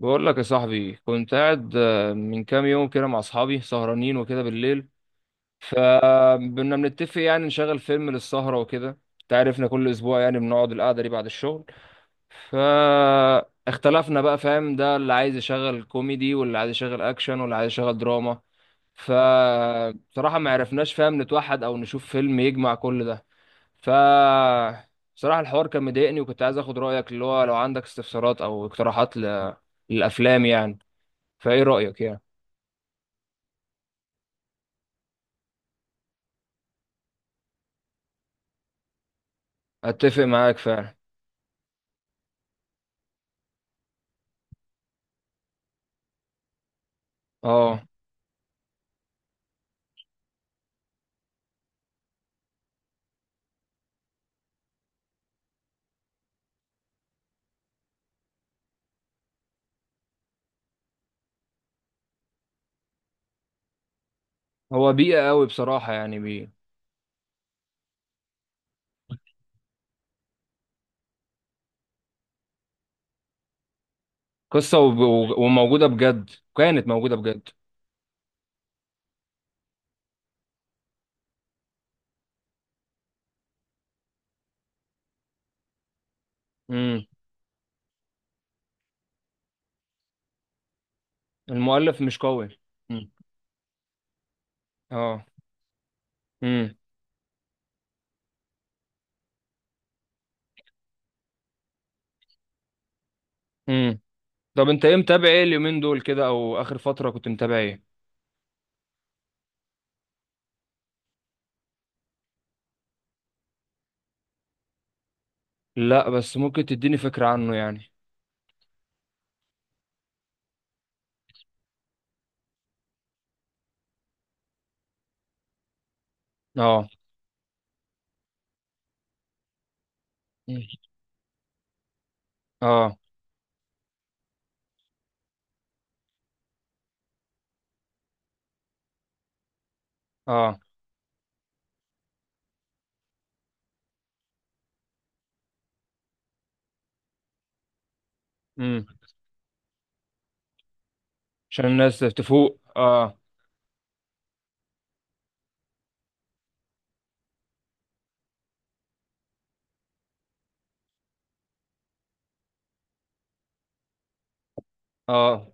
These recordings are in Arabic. بقول لك يا صاحبي، كنت قاعد من كام يوم كده مع اصحابي سهرانين وكده بالليل. فكنا بنتفق يعني نشغل فيلم للسهرة وكده، انت عارفنا كل اسبوع يعني بنقعد القعدة دي بعد الشغل. فاختلفنا بقى فاهم، ده اللي عايز يشغل كوميدي واللي عايز يشغل اكشن واللي عايز يشغل دراما. فبصراحة ما عرفناش فاهم نتوحد او نشوف فيلم يجمع كل ده. ف بصراحة الحوار كان مضايقني وكنت عايز اخد رأيك، اللي هو لو عندك استفسارات او اقتراحات للافلام يعني. فايه رأيك يعني؟ اتفق معاك فعلا. اه، هو بيئة قوي بصراحة يعني قصة وموجودة بجد. كانت موجودة بجد. امم. المؤلف مش قوي. امم. اه. امم. امم. طب انت ايه متابع، ايه اليومين دول كده او اخر فترة كنت متابع ايه؟ لا بس ممكن تديني فكرة عنه يعني. اه. مم. اه. اه. امم. عشان الناس تفوق اه. اه.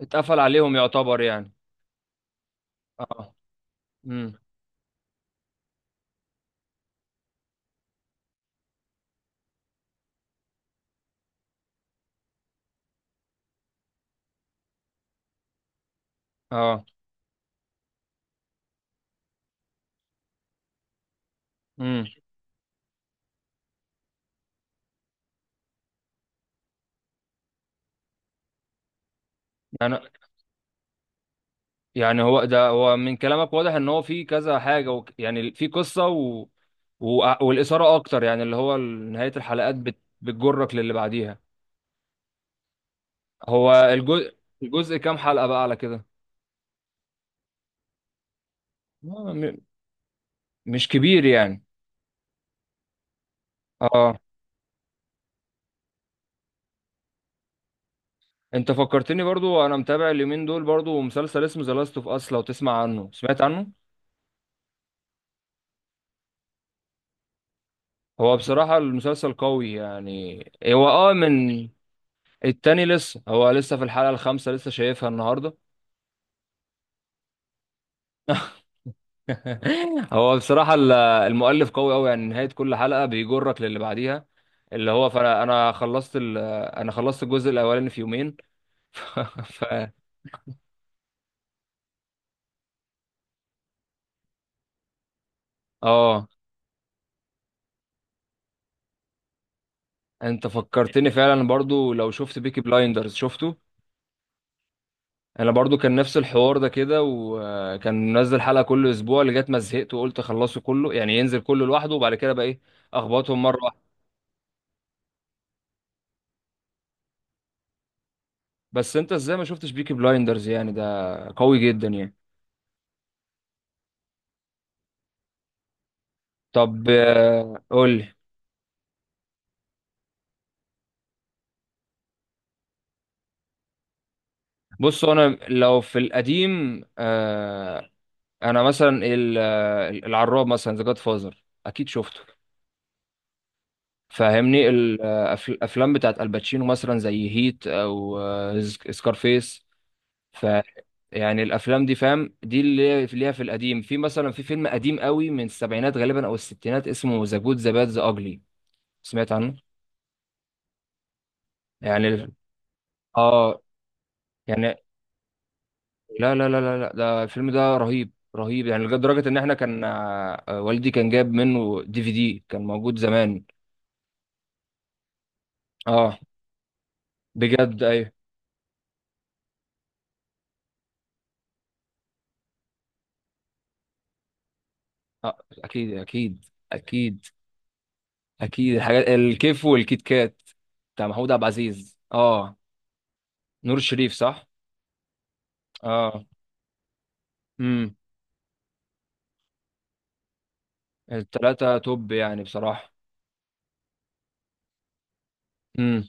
اتقفل عليهم يعتبر يعني. اه. امم. اه. امم. يعني. يعني هو ده، هو من كلامك واضح ان هو في كذا حاجه يعني في قصه والاثاره اكتر، يعني اللي هو نهايه الحلقات بتجرك للي بعديها. هو الجزء الجزء كام حلقه بقى على كده؟ آه، م... مش كبير يعني. اه. انت فكرتني برضو، انا متابع اليومين دول برضو مسلسل اسمه ذا لاست اوف اس، لو تسمع عنه؟ سمعت عنه؟ هو بصراحه المسلسل قوي يعني. هو اه من التاني لسه، هو لسه في الحلقه الخامسه، لسه شايفها النهارده. هو بصراحة المؤلف قوي قوي، يعني نهاية كل حلقة بيجرك للي بعديها. اللي هو فانا انا خلصت ال... انا خلصت الجزء الاولاني في يومين. ف... ف... اه. انت فكرتني فعلا برضو، لو شفت بيكي بلايندرز؟ شفته. انا برضو كان نفس الحوار ده كده، وكان منزل حلقة كل اسبوع لغاية ما زهقت وقلت اخلصه كله، يعني ينزل كله لوحده وبعد كده بقى ايه. اخبطهم مرة واحدة. بس انت ازاي ما شفتش بيكي بلايندرز يعني؟ ده قوي جدا يعني. طب قول لي. بص، انا لو في القديم انا مثلا العراب مثلا ذا جاد فازر، اكيد شفته. فاهمني الافلام بتاعت الباتشينو مثلا، زي هيت او سكارفيس. ف يعني الافلام دي فاهم، دي اللي ليها في القديم، في مثلا في فيلم قديم قوي من السبعينات غالبا او الستينات اسمه ذا جود ذا باد ذا اجلي. سمعت عنه؟ يعني. اه. يعني. لا لا لا لا لا، ده الفيلم ده رهيب رهيب، يعني لدرجة ان احنا كان والدي كان جاب منه دي في دي كان موجود زمان. اه. بجد ايوه آه اكيد اكيد. اكيد. اكيد الحاجات، الكيف والكيت كات بتاع محمود عبد العزيز اه. نور الشريف صح؟ اه. امم. التلاتة توب يعني بصراحة. امم.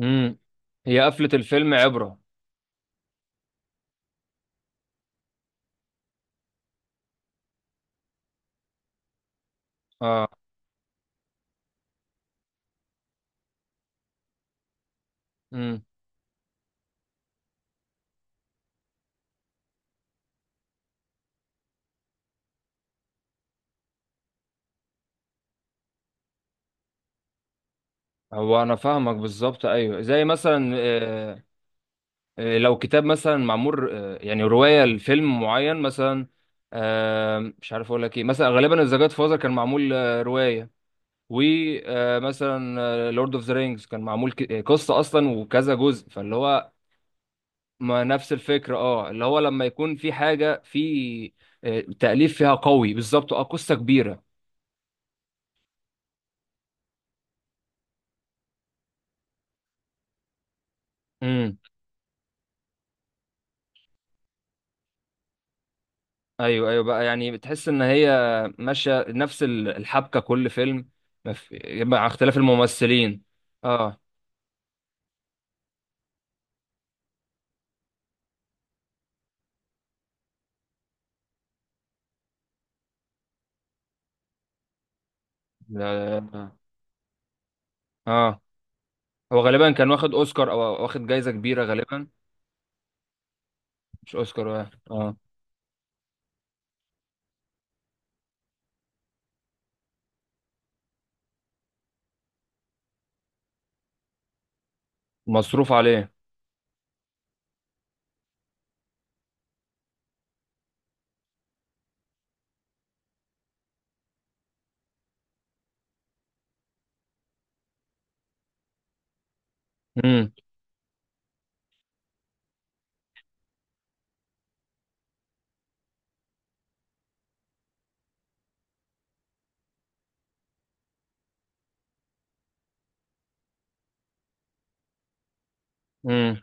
امم. هي قفلة الفيلم عبرة. اه. امم. هو انا فاهمك بالظبط، ايوه زي مثلا لو كتاب مثلا معمول يعني رواية لفيلم معين مثلا. مش عارف اقول لك ايه، مثلا غالبا ذا جاد فازر كان معمول رواية. ومثلا لورد اوف ذا رينجز كان معمول قصة اصلا وكذا جزء، فاللي هو ما نفس الفكرة. اه، اللي هو لما يكون في حاجة في تأليف فيها قوي بالظبط، اه قصة كبيرة. امم. ايوه ايوه بقى، يعني بتحس ان هي ماشية نفس الحبكة كل فيلم. مف- مع اختلاف الممثلين. اه. لا لا لا. اه. هو غالبا كان واخد اوسكار او واخد جايزه كبيره غالبا. مش اوسكار اه. مصروف عليه. امم. امم.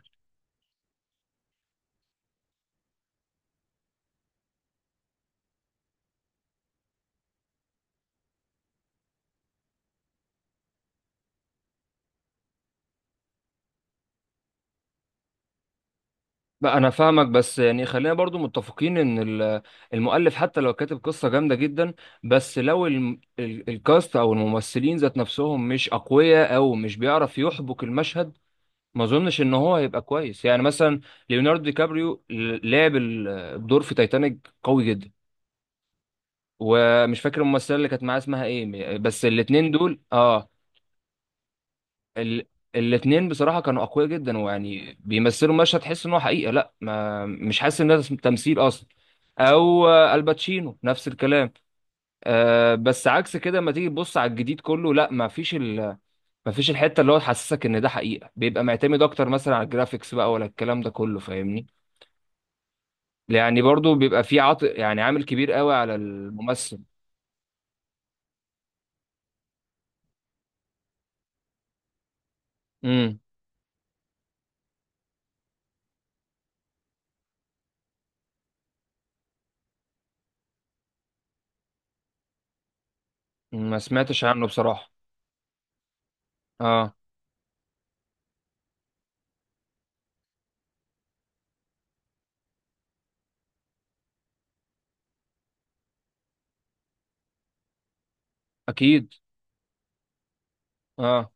بقى انا فاهمك، بس يعني خلينا برضو متفقين ان المؤلف حتى لو كاتب قصه جامده جدا، بس لو الكاست او الممثلين ذات نفسهم مش اقوياء او مش بيعرف يحبك المشهد، ما اظنش ان هو هيبقى كويس. يعني مثلا ليوناردو دي كابريو لعب الدور في تايتانيك قوي جدا. ومش فاكر الممثله اللي كانت معاه اسمها ايه، بس الاتنين دول اه. ال... الاتنين بصراحه كانوا اقوياء جدا، ويعني بيمثلوا مشهد تحس ان هو حقيقه، لا ما مش حاسس ان ده تمثيل اصلا. او الباتشينو نفس الكلام. بس عكس كده، لما تيجي تبص على الجديد كله لا، ما فيش الحته اللي هو تحسسك ان ده حقيقه، بيبقى معتمد اكتر مثلا على الجرافيكس بقى ولا الكلام ده كله فاهمني؟ يعني برضو بيبقى في يعني عامل كبير قوي على الممثل. امم. ما سمعتش عنه بصراحه. اه. اكيد. اه.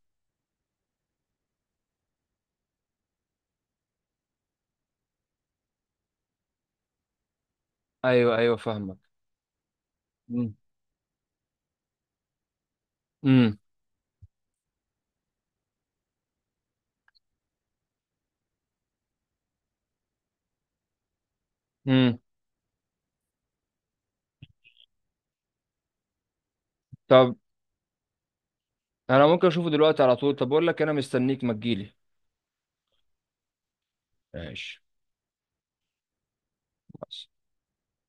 ايوه ايوه فاهمك. امم. امم. أمم. طب انا ممكن اشوفه دلوقتي على طول؟ طب اقول لك انا مستنيك، ما تجيلي. ماشي. بس.